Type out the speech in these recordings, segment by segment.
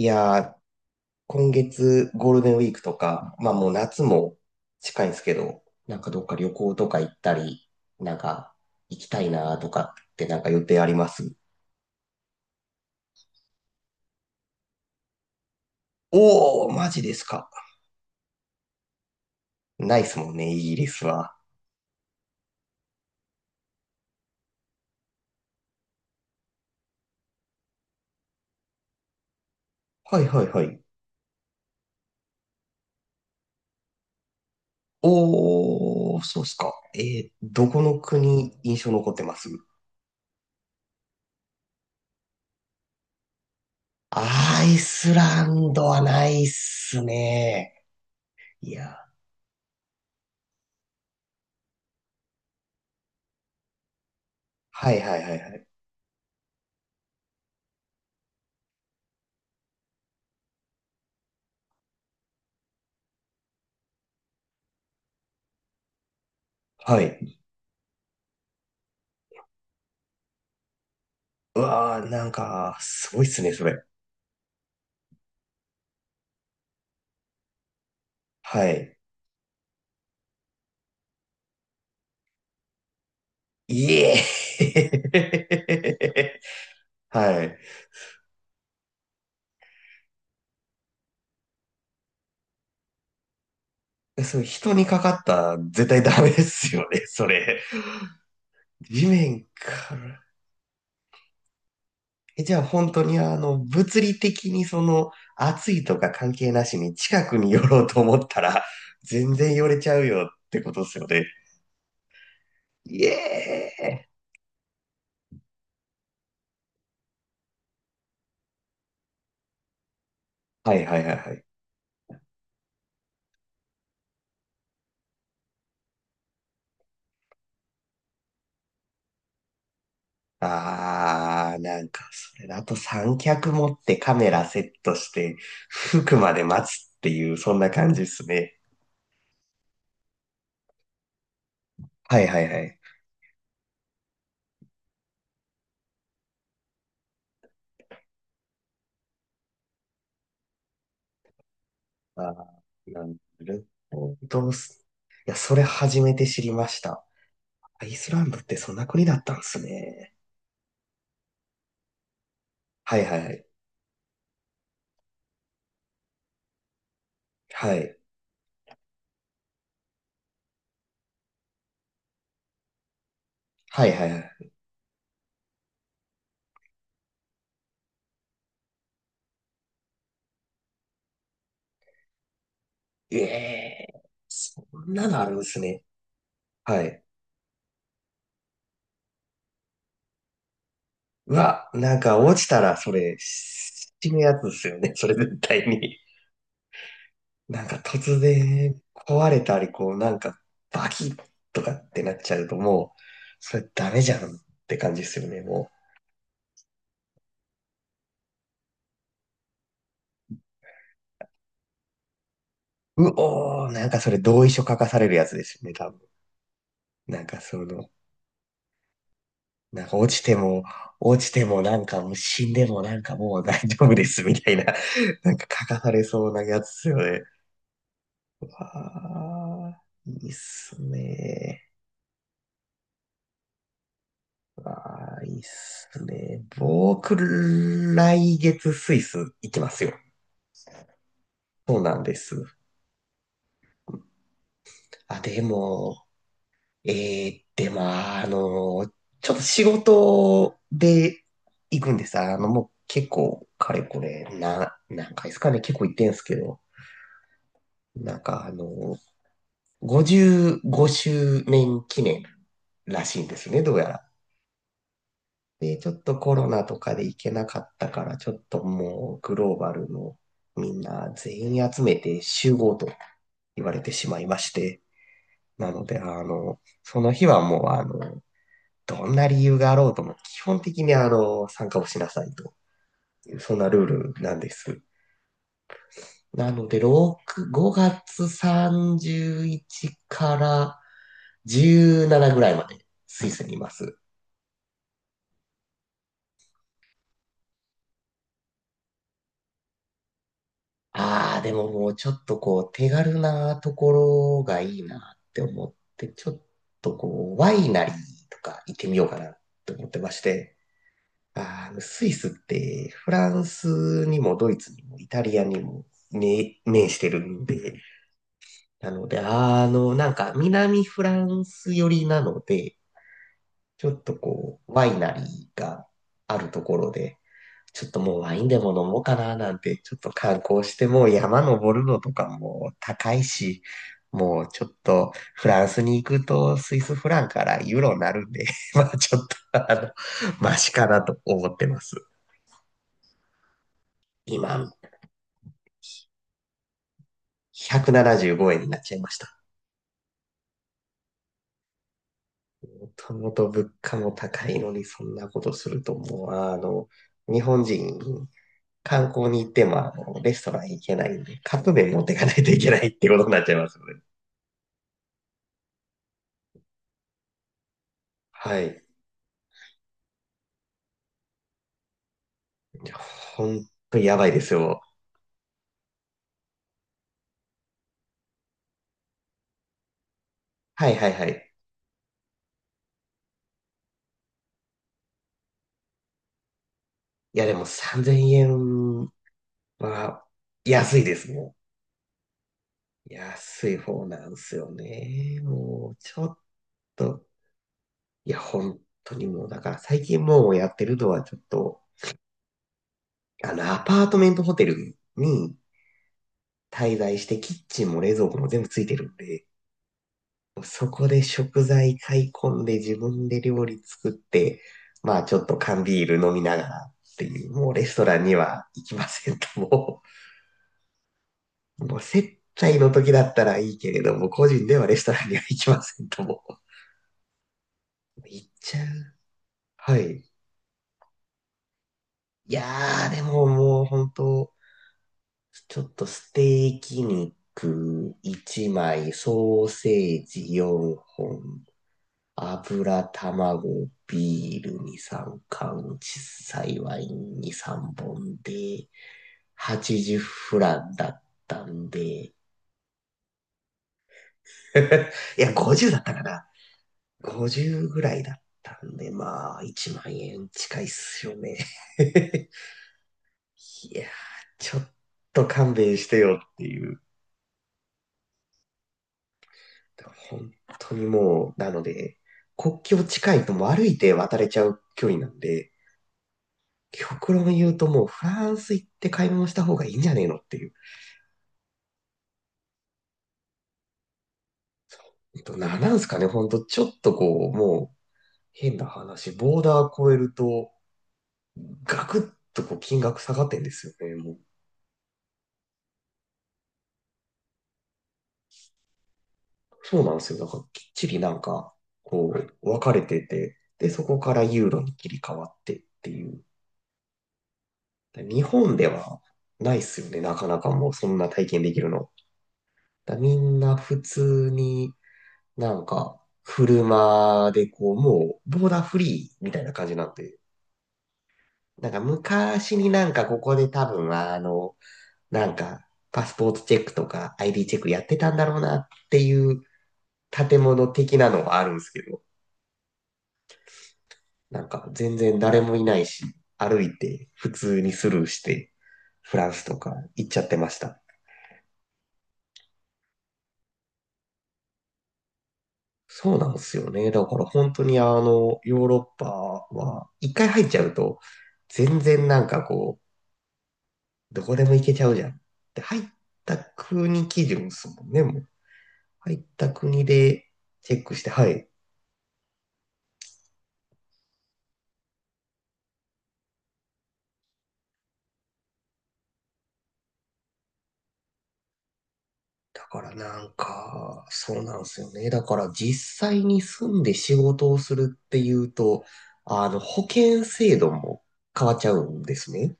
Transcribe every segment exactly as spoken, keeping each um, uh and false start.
いやー、今月ゴールデンウィークとか、まあもう夏も近いんですけど、なんかどっか旅行とか行ったり、なんか行きたいなとかってなんか予定あります？おー、マジですか。ないっすもんね、イギリスは。はいはいはい。おー、そうっすか。えー、どこの国印象残ってます？アイスランドはないっすね。いやー、はいはいはいはい。はい。うわー、なんか、すごいっすね、それ。はい。いえ。 はい。そう、人にかかったら絶対ダメですよね、それ。地面から。え、じゃあ本当にあの、物理的にその、暑いとか関係なしに近くに寄ろうと思ったら、全然寄れちゃうよってことですよね。イエーイ。はいはいはいはい。あー、なんか、それだと三脚持ってカメラセットして、服まで待つっていう、そんな感じですね。はいはいはい。ああ、なるほどす。いや、それ初めて知りました。アイスランドってそんな国だったんですね。はいはいはい。はい。はいはいはい。ええ、そんなのあるんですね。はい。うわ、なんか落ちたらそれ、死ぬやつですよね。それ絶対に。なんか突然壊れたり、こうなんかバキッとかってなっちゃうともう、それダメじゃんって感じですよね、もう。うおー、なんかそれ同意書書かされるやつですよね、多分。なんかその、なんか落ちても、落ちてもなんかもう死んでもなんかもう大丈夫ですみたいな、なんか書かされそうなやつですよね。ああ、いいっすね。ああ、いいっすね。僕、来月スイス行きますよ。そうなんです。あ、でも、えー、で、まあ、あの、ちょっと仕事で行くんです。あの、もう結構、かれこれ、な、何回ですかね、結構行ってんすけど、なんか、あの、ごじゅうごしゅうねん記念らしいんですね、どうやら。で、ちょっとコロナとかで行けなかったから、ちょっともう、グローバルのみんな全員集めて集合と言われてしまいまして、なので、あの、その日はもう、あの、どんな理由があろうとも、基本的にあの、参加をしなさいという、そんなルールなんです。なので、6、ごがつさんじゅういちにちからじゅうしちにちぐらいまでスイスにいます。ああ、でももうちょっとこう、手軽なところがいいなって思って、ちょっとこう、ワイナリーとか行ってみようかなと思ってまして、あの、スイスってフランスにもドイツにもイタリアにも面面してるんで、なので、あの、なんか南フランス寄りなので、ちょっとこう、ワイナリーがあるところで、ちょっともうワインでも飲もうかななんて、ちょっと観光してもう山登るのとかも高いし、もうちょっとフランスに行くとスイスフランからユーロになるんで、まあちょっとあの、マシかなと思ってます。今、ひゃくななじゅうごえんになっちゃいました。ともと物価も高いのにそんなことするともう、あの、日本人、観光に行っても、あの、レストラン行けないんで、カップ麺持っていかないといけないってことになっちゃいますよね。はい。いやほんとやばいですよ。はいはいはい。いやでもさんぜんえんは安いですね。安い方なんですよね。もうちょっと、いや本当にもうだから最近もうやってるのはちょっと、あのアパートメントホテルに滞在してキッチンも冷蔵庫も全部ついてるんで、そこで食材買い込んで自分で料理作って、まあちょっと缶ビール飲みながらっていう、もうレストランには行きませんと、もう、もう接待の時だったらいいけれども、個人ではレストランには行きませんと、もう、行っちゃう。はい。いやー、でももう本当ちょっとステーキ肉いちまい、ソーセージよんほん、油、卵、ビールにさん缶、小さいワインにさんぼんで、はちじゅうフランだったんで、いや、ごじゅうだったかな。ごじゅうぐらいだったんで、まあ、いちまん円近いっすよね。いやー、ちょっと勘弁してよっていう。本当にもう、なので、国境近いともう歩いて渡れちゃう距離なんで、極論言うともうフランス行って買い物した方がいいんじゃねえのっていう。えっと、な、なんすかね、ほんとちょっとこう、もう変な話、ボーダー越えると、ガクッとこう金額下がってんですよね、もう。そうなんですよ。だからきっちりなんか、こう、分かれてて、で、そこからユーロに切り替わってっていう。だから日本ではないっすよね、なかなかもうそんな体験できるの。だからみんな普通になんか、車でこう、もう、ボーダーフリーみたいな感じになって、なんか昔になんかここで多分あの、なんか、パスポートチェックとか アイディー チェックやってたんだろうなっていう建物的なのはあるんですけど、なんか全然誰もいないし、歩いて普通にスルーして、フランスとか行っちゃってました。そうなんですよね。だから本当にあの、ヨーロッパは、一回入っちゃうと、全然なんかこう、どこでも行けちゃうじゃん。で、入った国基準ですもんね、もう。入った国でチェックして、はい。だからなんか、そうなんですよね。だから実際に住んで仕事をするっていうと、あの、保険制度も変わっちゃうんですね。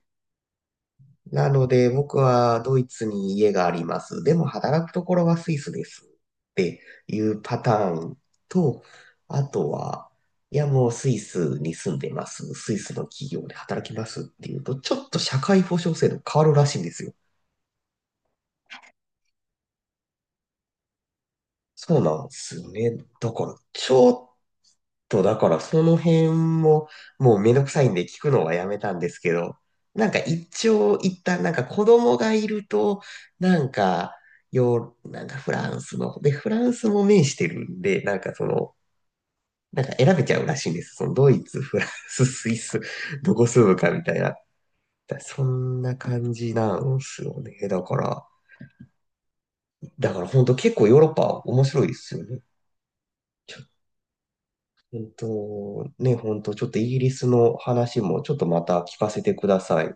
なので、僕はドイツに家があります。でも働くところはスイスですっていうパターンと、あとは、いやもうスイスに住んでます。スイスの企業で働きますっていうと、ちょっと社会保障制度変わるらしいんですよ。そうなんですよね。だから、ちょっと、だからその辺も、もうめんどくさいんで聞くのはやめたんですけど、なんか一応一旦なんか子供がいると、なんか、よ、なんかフランスの、で、フランスも面してるんで、なんかその、なんか選べちゃうらしいんです。そのドイツ、フランス、スイス、どこ住むかみたいな。だそんな感じなんすよね。だから、だから本当結構ヨーロッパ面白いですよね。ちょえっと、ね、ほんと、ちょっとイギリスの話もちょっとまた聞かせてください。